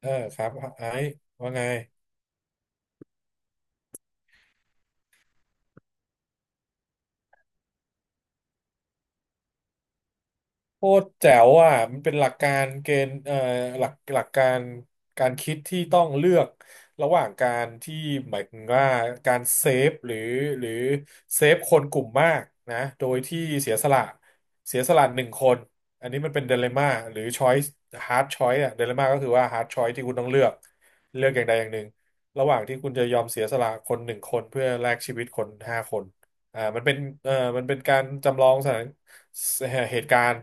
เออครับไอ้ว่าไง โคตรแจ๋วอ่ะมันเป็นหลักการเกณฑ์หลักการการคิดที่ต้องเลือกระหว่างการที่หมายถึงว่าการเซฟหรือเซฟคนกลุ่มมากนะโดยที่เสียสละหนึ่งคนอันนี้มันเป็นเดเลม่าหรือช้อย c e ฮาร์ดช้อยสอะเดเลม่าก็คือว่าฮาร์ดช้อยที่คุณต้องเลือกอย่างใดอย่างหนึ่งระหว่างที่คุณจะยอมเสียสละคนหนึ่งคนเพื่อแลกชีวิตคนห้าคนอ่ามันเป็นมันเป็นการจำลองสถาน เหตุการณ์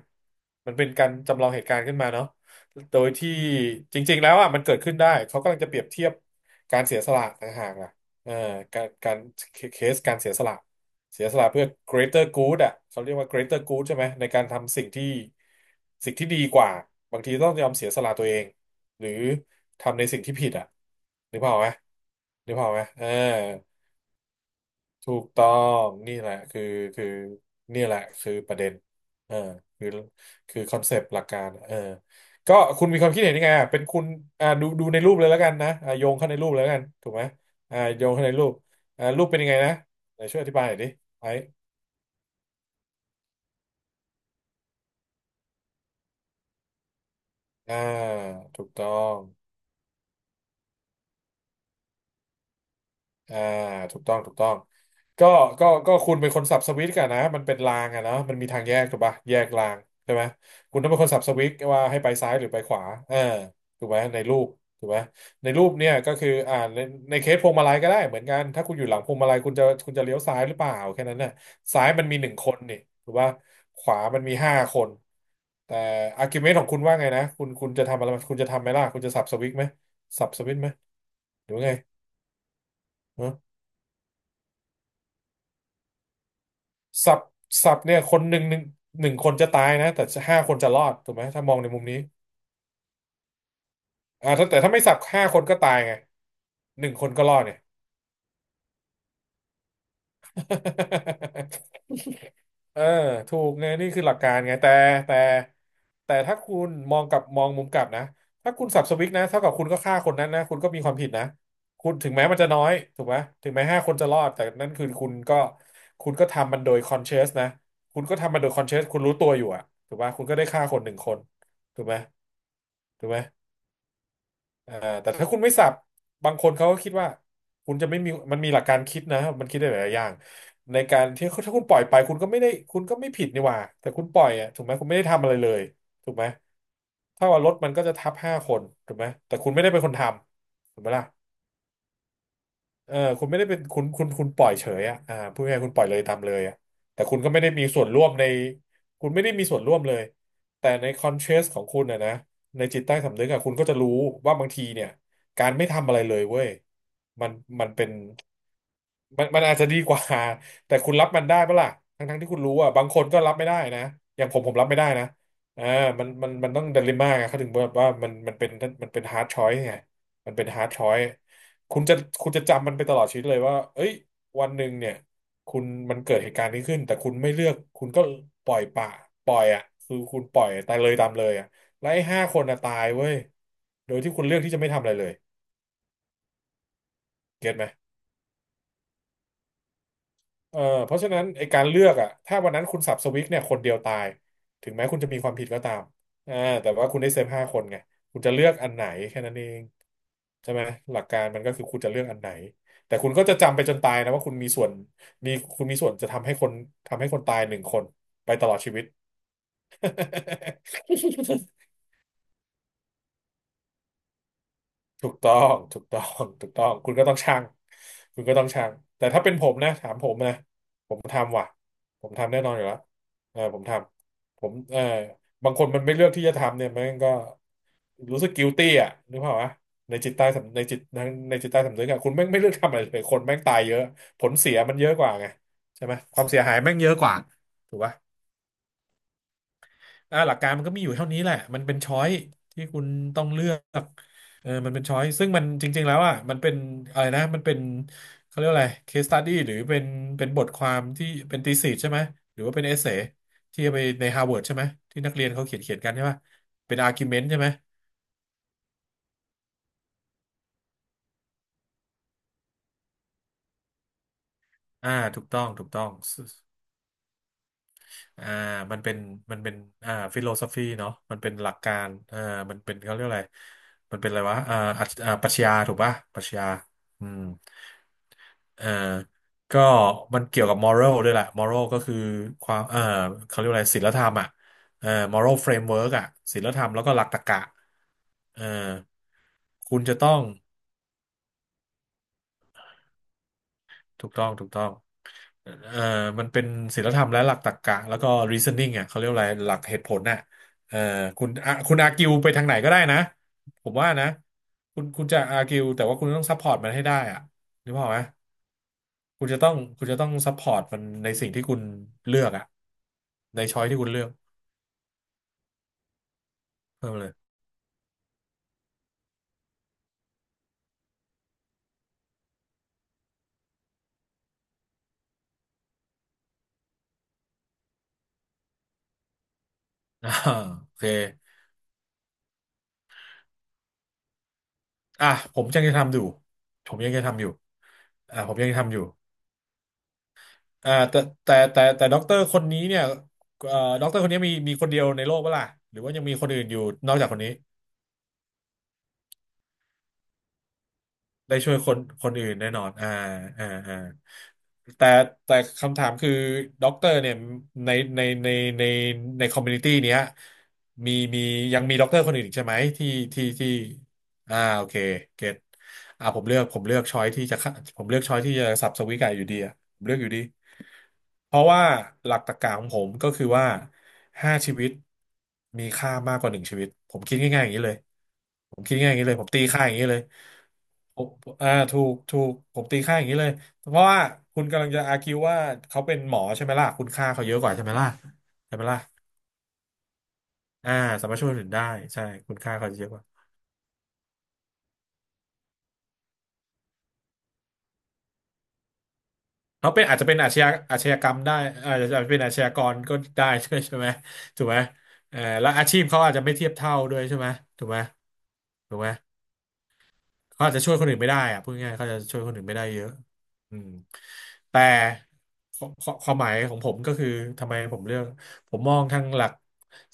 มันเป็นการจำลองเหตุการณ์ขึ้นมาเนาะโดยที่จริงๆแล้วอ่ะมันเกิดขึ้นได้เขากำลังจะเปรียบเทียบการเสียสละต่างหากล่ะเออการเคสการเสียสละเสียสละเพื่อ greater good อ่ะเขาเรียกว่า greater good ใช่ไหมในการทำสิ่งที่ดีกว่าบางทีต้องยอมเสียสละตัวเองหรือทำในสิ่งที่ผิดอ่ะนึกภาพออกไหมนึกภาพออกไหมเออ ถูกต้องนี่แหละคือนี่แหละคือประเด็นเออคือคือคอนเซปต์หลักการเออก็คุณมีความคิดเห็นยังไงอ่ะเป็นคุณอ่าดูในรูปเลยแล้วกันนะอ่าโยงเข้าในรูปเลยแล้วกันถูกไหมอ่าโยงเข้าในรูปอ่ารูปเป็นยังไงนะไหนช่วยอธิบายหน่อยดิไอ้อ่าถูกต้อง อ่าถูกต้องถูกต้องก็ก็คุณเป็นคนสับสวิตช์กันนะมันเป็นรางอะเนาะมันมีทางแยกถูกปะแยกรางใช่ไหมคุณต้องเป็นคนสับสวิตช์ว่าให้ไปซ้ายหรือไปขวาเออถูกไหมในรูปถูกไหมในรูปเนี่ยก็คืออ่าในเคสพวงมาลัยก็ได้เหมือนกันถ้าคุณอยู่หลังพวงมาลัยคุณจะเลี้ยวซ้ายหรือเปล่าแค่นั้นน่ะซ้ายมันมีหนึ่งคนนี่ถูกปะขวามันมีห้าคนแต่อาร์กิวเมนต์ของคุณว่าไงนะคุณจะทำอะไรคุณจะทำไหมล่ะคุณจะสับสวิตช์ไหมสับสวิตช์ไหมหรือว่าไง สับสับเนี่ยคนหนึ่งคนจะตายนะแต่ห้าคนจะรอดถูกไหมถ้ามองในมุมนี้อ่าถ้าแต่ถ้าไม่สับห้าคนก็ตายไงหนึ่งคนก็รอดเนี่ย เออถูกไงนี่คือหลักการไงแต่แต่ถ้าคุณมองกลับมองมุมกลับนะถ้าคุณสับสวิกนะเท่ากับคุณก็ฆ่าคนนั้นนะคุณก็มีความผิดนะคุณถึงแม้มันจะน้อยถูกไหมถึงแม้ห้าคนจะรอดแต่นั่นคือคุณก็ทำมันโดยคอนเช o u สนะคุณก็ทำมันโดยคอนเช o u สคุณรู้ตัวอยู่อะถูกปะคุณก็ได้ฆ่าคนหนึ่งคนถูกไหมถูกไหม อ่าแต่ถ้าคุณไม่สับบางคนเขาก็คิดว่าคุณจะไม่มีมันมีหลักการคิดนะมันคิดได้หลายอย่างในการที่ถ้าคุณปล่อยไปคุณก็ไม่ได้คุณก็ไม่ผิดนี่หว่าแต่คุณปล่อยอ่ะถูกไหมคุณไม่ได้ทำอะไรเลยถูกไหมถ้าว่ารถมันก็จะทับห้าคนถูกไหมแต่คุณไม่ได้เป็นคนทำถูกไหมล่ะ เออคุณไม่ได้เป็นคุณปล่อยเฉยอ่ะอ่าพูดง่ายๆคุณปล่อยเลยตามเลยอ่ะแต่คุณก็ไม่ได้มีส่วนร่วมในคุณไม่ได้มีส่วนร่วมเลยแต่ในคอนเชสของคุณนะในจิตใต้สำนึกอ่ะคุณก็จะรู้ว่าบางทีเนี่ยการไม่ทำอะไรเลยเว้ยมันมันเป็น มันอาจจะดีกว่า แต่คุณรับมันได้ปะล่ะทั้งที่คุณรู้อ่ะบางคนก็รับไม่ได้นะอย่างผมผมรับไม่ได้นะอ่ามันต้องดิเลมม่าไงเขาถึงบอกว่ามันเป็นมันเป็นฮาร์ดชอยไงมันเป็นฮาร์ดชอยคุณจะคุณจะจำมันไปตลอดชีวิตเลยว่าเอ้ยวันหนึ่งเนี่ยคุณมันเกิดเหตุการณ์นี้ขึ้นแต่คุณไม่เลือกคุณก็ปล่อยปะปล่อยอ่ะคือคุณปล่อยตายเลยตามเลยอ่ะแล้วไอ้ห้าคนอ่ะตายเว้ยโดยที่คุณเลือกที่จะไม่ทำอะไรเลยเก็ตไหม เออเพราะฉะนั้นไอการเลือกอะถ้าวันนั้นคุณสับสวิกเนี่ยคนเดียวตายถึงแม้คุณจะมีความผิดก็ตามอ่าแต่ว่าคุณได้เซฟห้าคนไงคุณจะเลือกอันไหนแค่นั้นเองใช่ไหมหลักการมันก็คือคุณจะเลือกอันไหนแต่คุณก็จะจำไปจนตายนะว่าคุณมีส่วนมีคุณมีส่วนจะทำให้คนทำให้คนตายหนึ่งคนไปตลอดชีวิต ถูกต้องถูกต้อง ถูกต้อง คุณก็ต้องชั่งคุณก็ต้องชั่งแต่ถ้าเป็นผมนะถามผมนะผมทำว่ะผมทำแน่นอนอยู่แล้วเออผมทำผมเออบางคนมันไม่เลือกที่จะทำเนี่ยมันก็รู้สึก guilty อ่ะนึกภาพวะในจิตใต้สำนึกอะคุณแม่งไม่เลือกทำอะไรเลยคนแม่งตายเยอะ ผลเสียมันเยอะกว่าไงใช่ไหมความเสียหายแม่งเยอะกว่าถูกปะ หลักการมันก็มีอยู่เท่านี้แหละ มันเป็นช้อยที่คุณต้องเลือกมันเป็นช้อยซึ่งมันจริงๆแล้วอ่ะมันเป็นอะไรนะมันเป็นเขาเรียกว่าอะไร case study หรือเป็นเป็นบทความที่เป็น thesis ใช่ไหม หรือว่าเป็น essay ที่เอาไปใน Harvard ใช่ไหม ที่นักเรียนเขาเขียนกันใช่ป่ะเป็น argument ใช่ไหม อ่าถูกต้อง ถูกต้องอ่ามันเป็นมันเป็นฟิโลโซฟีเนาะมันเป็นหลักการอ่ามันเป็นเขาเรียกอะไรมันเป็นอะไรวะอ่าอัจอ่าปรัชญาถูกป่ะปรัชญาอืม อ่าก็มันเกี่ยวกับมอร a l ด้วยแหละมอรัลก็คือความเขาเรียกว่าอะไรศีลธรรมอ่ะมอรัลเฟรมเวิร์กอ่ะศีลธรรมแล้วก็หลักตรรกะเอ่อคุณจะต้องถูกต้องถูกต้องเอ่อมันเป็นศีลธรรมและหลักตรรกะแล้วก็ reasoning อ่ะเขาเรียกว่าอะไรหลักเหตุผลน่ะเอ่อคุณอ่ะคุณอาร์กิวไปทางไหนก็ได้นะผมว่านะคุณจะอาร์กิวแต่ว่าคุณต้องซัพพอร์ตมันให้ได้อ่ะนึกภาพออกไหม คุณจะต้องซัพพอร์ตมันในสิ่งที่คุณเลือกอะในช้อยที่คุณเลือกเพิ่มเลย อ่าโอเคอ่ะผมยังจะทำอยู่ผมยังจะทำอยู่อ่ะผมยังจะทำอยู่อ่าแต่แต่ด็อกเตอร์คนนี้เนี่ยด็อกเตอร์คนนี้มีคนเดียวในโลกเปะล่ะหรือว่ายังมีคนอื่นอยู่นอกจากคนนี้ ได้ช่วยคนคนอื่นแน่นอนอ่าอ่าแต่แต่คำถามคือด็อกเตอร์เนี่ยในในในในในคอมมูนิตี้เนี้ยมีมียังมีด็อกเตอร์คนอื่นอีกใช่ไหมที่ที่ที่โอเคเก็ตผมเลือกช้อยที่จะฆ่าผมเลือกช้อยที่จะสับสวิกไก่อยู่ดีอ่ะผมเลือกอยู่ดี เพราะว่าหลักตรรกะของผมก็คือว่าห้าชีวิตมีค่ามากกว่าหนึ่งชีวิตผมคิดง่ายๆอย่างนี้เลยผมคิดง่ายๆอย่างนี้เลยผมตีค่าอย่างนี้เลยผมถูกผมตีค่าอย่างนี้เลยเพราะว่าคุณกำลังจะอาร์คิวว่าเขาเป็นหมอใช่ไหมล่ะคุณค่าเขาเยอะกว่าใช่ไหมล่ะใช่ไหมล่ะอ่าสามารถช่วยคนอื่นได้ใช่คุณค่าเขาเยอะกว่า เขาเป็นอาจจะเป็นอาชญากรรมได้อาจจะเป็นอาชญากรก็ได้ ด้วยใช่ไหมถูกไหมเออแล้วอาชีพเขาอาจจะไม่เทียบเท่าด้วยใช่ไหมถูกไหมถูกไหม เขาอาจจะช่วยคนอื่นไม่ได้อะพูดง่ายๆเขาจะช่วยคนอื่นไม่ได้เยอะอืมแต่ควความหมายของผมก็คือทำไมผมเลือกผมมองทั้งหลัก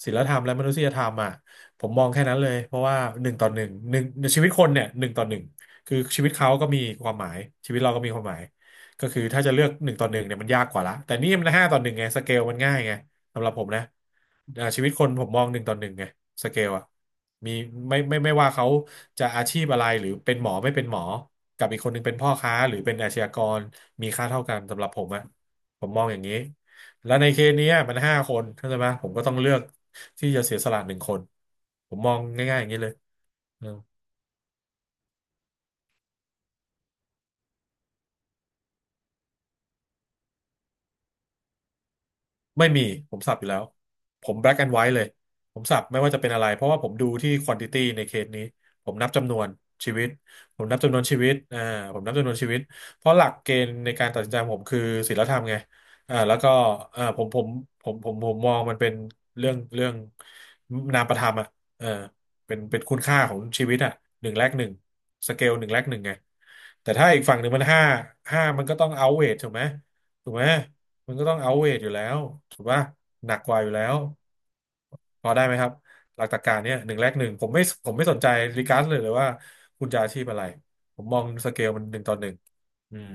ศีลธรรมและมนุษยธรรมอ่ะผมมองแค่นั้นเลยเพราะว่าหนึ่งต่อหนึ่งหนึ่งชีวิตคนเนี่ยหนึ่งต่อหนึ่งคือชีวิตเขาก็มีความหมายชีวิตเราก็มีความหมายก็คือถ้าจะเลือกหนึ่งต่อหนึ่งเนี่ยมันยากกว่าละแต่นี่มันห้าต่อหนึ่งไงสเกลมันง่ายไง สำหรับผมนะชีวิตคนผมมองหนึ่งต่อหนึ่งไงสเกลอะมีไม่ว่าเขาจะอาชีพอะไรหรือเป็นหมอไม่เป็นหมอกับอีกคนหนึ่งเป็นพ่อค้าหรือเป็นอาชญากรมีค่าเท่ากันสำหรับผมอะผมมองอย่างนี้แล้วในเคสเนี้ยมันห้าคนเข้าใจไหมผมก็ต้องเลือกที่จะเสียสละหนึ่งคนผมมองง่ายๆอย่างนี้เลย ไม่มีผมสับอยู่แล้วผม black and white เลยผมสับไม่ว่าจะเป็นอะไรเพราะว่าผมดูที่ quantity ในเคสนี้ผมนับจำนวนชีวิตผมนับจำนวนชีวิตผมนับจำนวนชีวิตเพราะหลักเกณฑ์ในการตัดสินใจของผมคือศีลธรรมไงแล้วก็อ่าผมผมผมมองมันเป็นเรื่องนามประธรรมอ่ะเออเป็นคุณค่าของชีวิตอ่ะหนึ่งแลกหนึ่งสเกลหนึ่งแลกหนึ่งไงแต่ถ้าอีกฝั่งหนึ่งมันห้ามันก็ต้องเอาเวทถูกไหม ถูกไหม มันก็ต้องเอาเวทอยู่แล้วถูกป่ะหนักกว่าอยู่แล้วพอได้ไหมครับหลักตรรกะเนี่ยหนึ่งแลกหนึ่งผมไม่สนใจรีการ์ดเลยว่าคุณจะอาชีพอะไรผมมองสเกลมันหนึ่งต่อหนึ่งอืม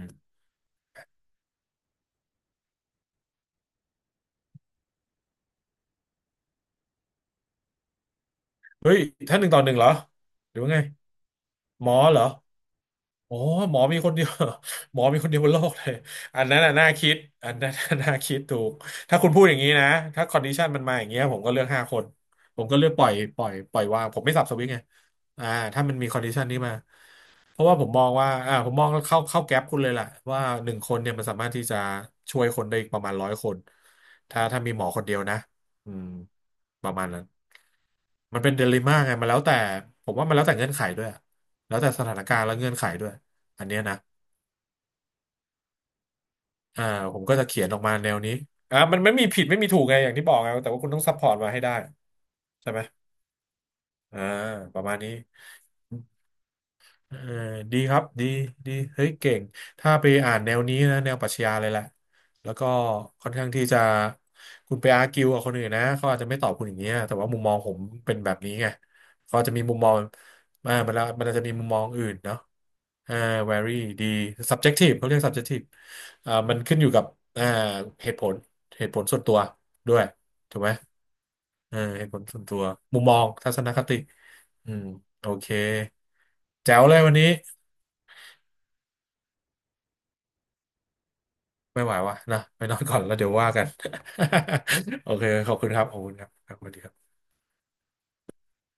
เฮ้ยถ้าหนึ่งต่อหนึ่งเหรอหรือว่าไงหมอเหรอ โอ้หมอมีคนเดียว หมอมีคนเดียวบนโลกเลยอันนั้นน่ะน่าคิดอันนั้น น่ะน่าคิดถูกถ้าคุณพูดอย่างนี้นะถ้าคอนดิชันมันมาอย่างเงี้ยผมก็เลือกห้าคนผมก็เลือกปล่อยวางผมไม่สับสวิตช์ไงอ่าถ้ามันมีคอนดิชันนี้มา เพราะว่าผมมองว่าอ่าผมมองเข้าแก๊ปคุณเลยแหละว่าหนึ่งคนเนี่ยมันสามารถที่จะช่วยคนได้อีกประมาณร้อยคนถ้ามีหมอคนเดียวนะอืมประมาณนั้น มันเป็นเดลิม่าไงมันแล้วแต่ผมว่ามันแล้วแต่เงื่อนไขด้วยอะแล้วแต่สถานการณ์และเงื่อนไขด้วยอันเนี้ยนะอ่าผมก็จะเขียนออกมาแนวนี้อ่ามันไม่มีผิดไม่มีถูกไงอย่างที่บอกไงแต่ว่าคุณต้องซัพพอร์ตมาให้ได้ใช่ไหมอ่าประมาณนี้ เออดีครับ ดีดีเฮ้ยเก่ง ถ้าไปอ่านแนวนี้นะแนวปรัชญาเลยแหละ แล้วก็ค่อนข้างที่จะคุณไปอาร์กิวกับคนอื่นนะ เขาอาจจะไม่ตอบคุณอย่างเงี้ยแต่ว่ามุมมองผมเป็นแบบนี้ไงเขาจะมีมุมมองอ่ามันละมันอาจจะมีมุมมองอื่นเนาะอ่า vary ดี subjective เขาเรียก subjective อ่ามันขึ้นอยู่กับอ่าเหตุผล เหตุผลส่วนตัวด้วยถูกไหมเออเหตุผลส่วนตัว มุมมอง ทัศนคติอืมโอเคแจ๋วเลยวันนี้ ไม่ไหววะนะไปนอนก่อนแล้วเดี๋ยวว่ากัน โอเคขอบคุณครับขอบคุณครับครับสวัสดีครับ